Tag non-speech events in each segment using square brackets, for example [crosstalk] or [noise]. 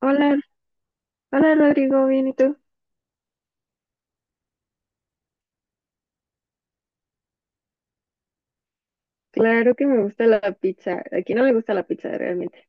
Hola, hola Rodrigo, ¿bien y tú? Claro que me gusta la pizza. Aquí no me gusta la pizza realmente.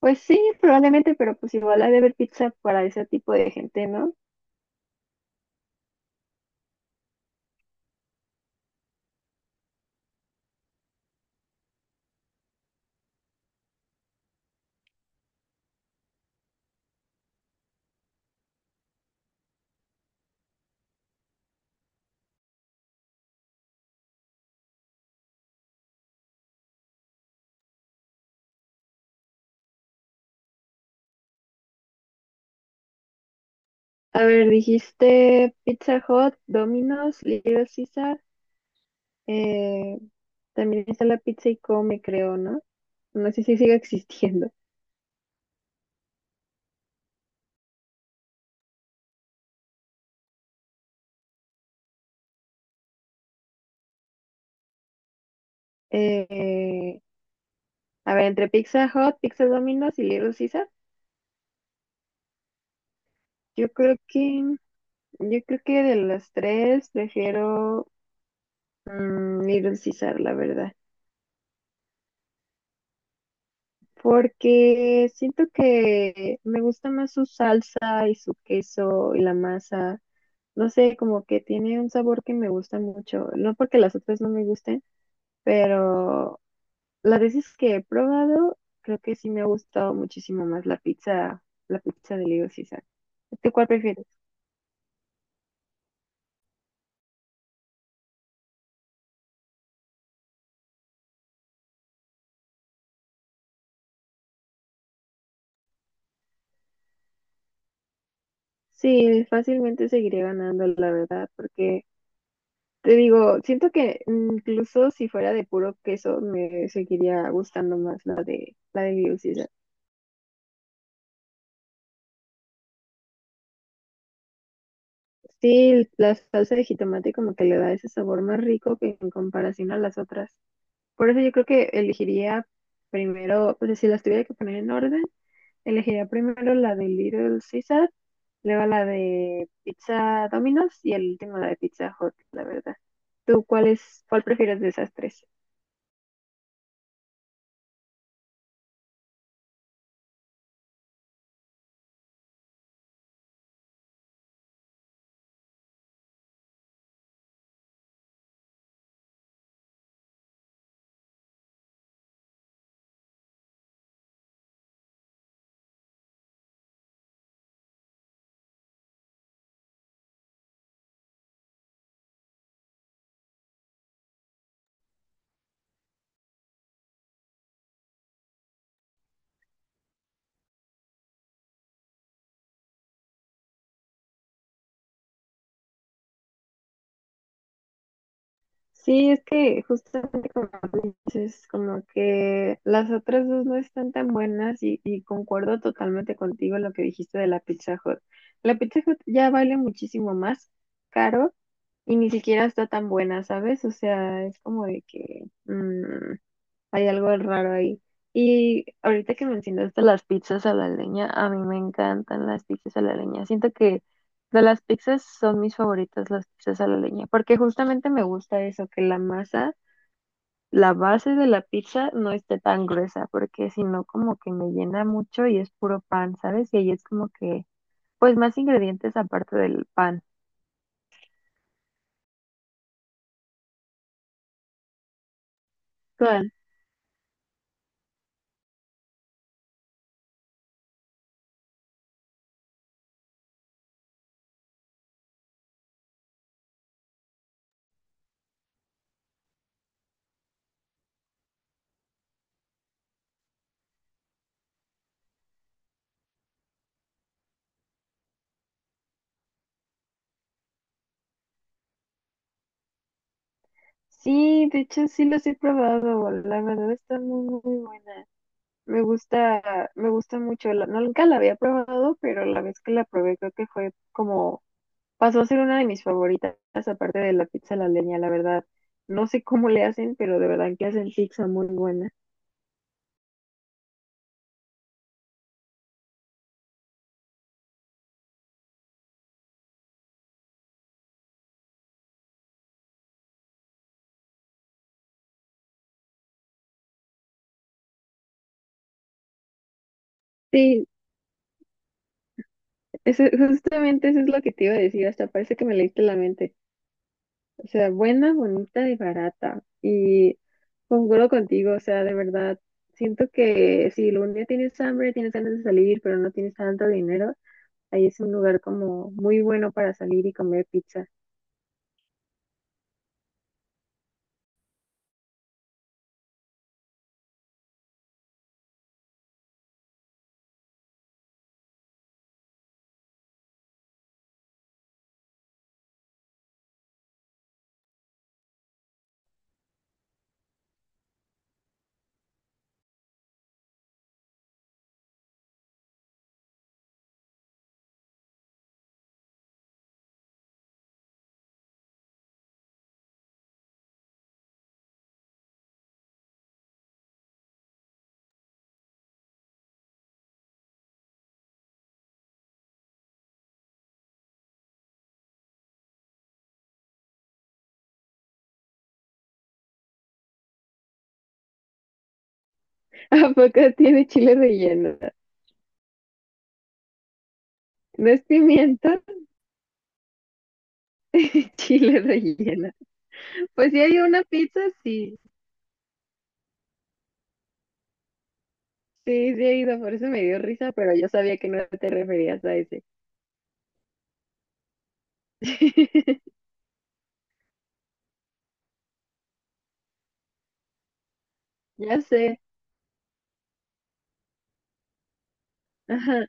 Pues sí, probablemente, pero pues igual hay de haber pizza para ese tipo de gente, ¿no? A ver, dijiste Pizza Hut, Domino's, Little Caesar. eh, También está la pizza y come, creo, ¿no? No sé si sigue [laughs] existiendo. Eh, a ver, entre Pizza Hut, Pizza Domino's y Little Caesar, yo creo que, yo creo que de las tres prefiero Mm, Little Caesar, la verdad. Porque siento que me gusta más su salsa y su queso y la masa. No sé, como que tiene un sabor que me gusta mucho. No porque las otras no me gusten, pero las veces que he probado, creo que sí me ha gustado muchísimo más la pizza de Little Caesar. ¿Tú cuál prefieres? Sí, fácilmente seguiré ganando, la verdad, porque te digo, siento que incluso si fuera de puro queso, me seguiría gustando más la de Little Caesar. Sí, la salsa de jitomate como que le da ese sabor más rico que en comparación a las otras. Por eso yo creo que elegiría primero, o sea, si las tuviera que poner en orden, elegiría primero la de Little Caesar, luego la de Pizza Domino's y el último la de Pizza Hut, la verdad. ¿Tú cuál es, cuál prefieres de esas tres? Sí, es que justamente como dices, como que las otras dos no están tan buenas y concuerdo totalmente contigo en lo que dijiste de la Pizza Hut. La Pizza Hut ya vale muchísimo más caro y ni siquiera está tan buena, ¿sabes? O sea, es como de que... hay algo raro ahí. Y ahorita que mencionaste las pizzas a la leña, a mí me encantan las pizzas a la leña. Siento que de las pizzas son mis favoritas las pizzas a la leña, porque justamente me gusta eso, que la masa, la base de la pizza no esté tan gruesa, porque si no como que me llena mucho y es puro pan, ¿sabes? Y ahí es como que, pues más ingredientes aparte del pan. ¿Cuál? Sí, de hecho sí los he probado, la verdad están muy, muy buenas. Me gusta mucho. No, nunca la había probado, pero la vez que la probé creo que fue como, pasó a ser una de mis favoritas, aparte de la pizza a la leña, la verdad. No sé cómo le hacen, pero de verdad que hacen pizza muy buena. Sí, justamente eso es lo que te iba a decir, hasta parece que me leíste la mente. O sea, buena, bonita y barata. Y concuerdo contigo, o sea, de verdad, siento que si un día tienes hambre, tienes ganas de salir, pero no tienes tanto dinero. Ahí es un lugar como muy bueno para salir y comer pizza. [laughs] ¿A poco tiene chile relleno? No es pimienta, [laughs] chile relleno. Pues sí hay una pizza, sí. Sí, sí he ido, por eso me dio risa, pero yo sabía que no te referías a ese. [laughs] Ya sé. Ajá.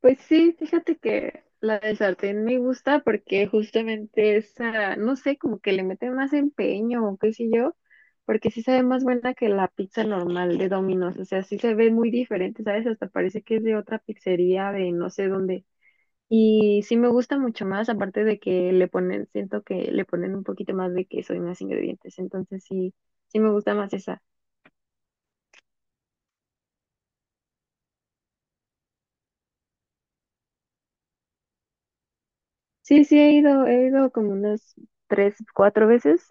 Pues sí, fíjate que la de sartén me gusta porque justamente esa, no sé, como que le mete más empeño o qué sé yo, porque sí se ve más buena que la pizza normal de Domino's, o sea, sí se ve muy diferente, ¿sabes? Hasta parece que es de otra pizzería de no sé dónde. Y sí me gusta mucho más, aparte de que le ponen, siento que le ponen un poquito más de queso y más ingredientes, entonces sí, sí me gusta más esa. Sí, sí, he ido como unas tres, cuatro veces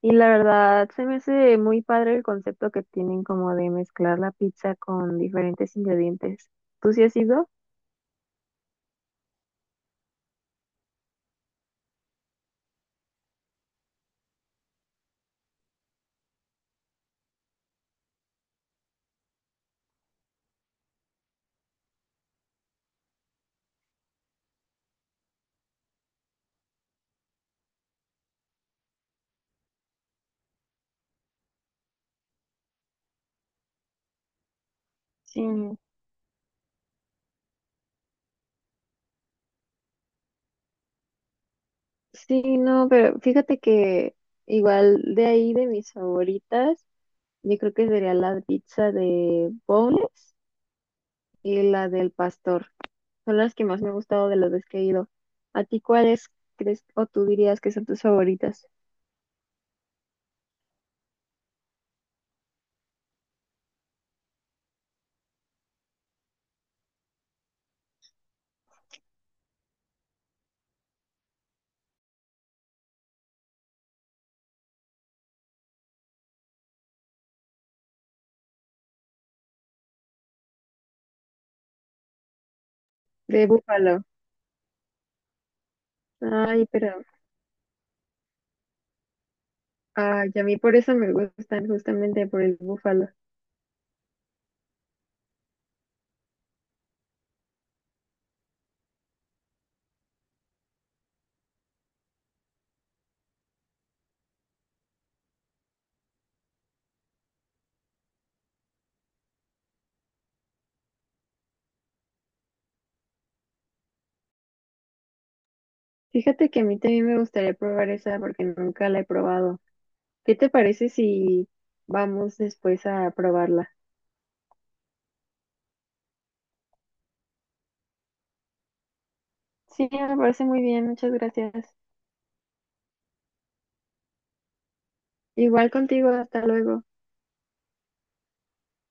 y la verdad se me hace muy padre el concepto que tienen como de mezclar la pizza con diferentes ingredientes. ¿Tú sí has ido? Sí, sí, no, pero fíjate que igual de ahí de mis favoritas, yo creo que sería la pizza de boneless y la del pastor. Son las que más me han gustado de las veces que he ido. ¿A ti cuáles crees o tú dirías que son tus favoritas? De búfalo. Ay, pero ah, y a mí por eso me gustan, justamente por el búfalo. Fíjate que a mí también me gustaría probar esa porque nunca la he probado. ¿Qué te parece si vamos después a probarla? Sí, me parece muy bien, muchas gracias. Igual contigo, hasta luego.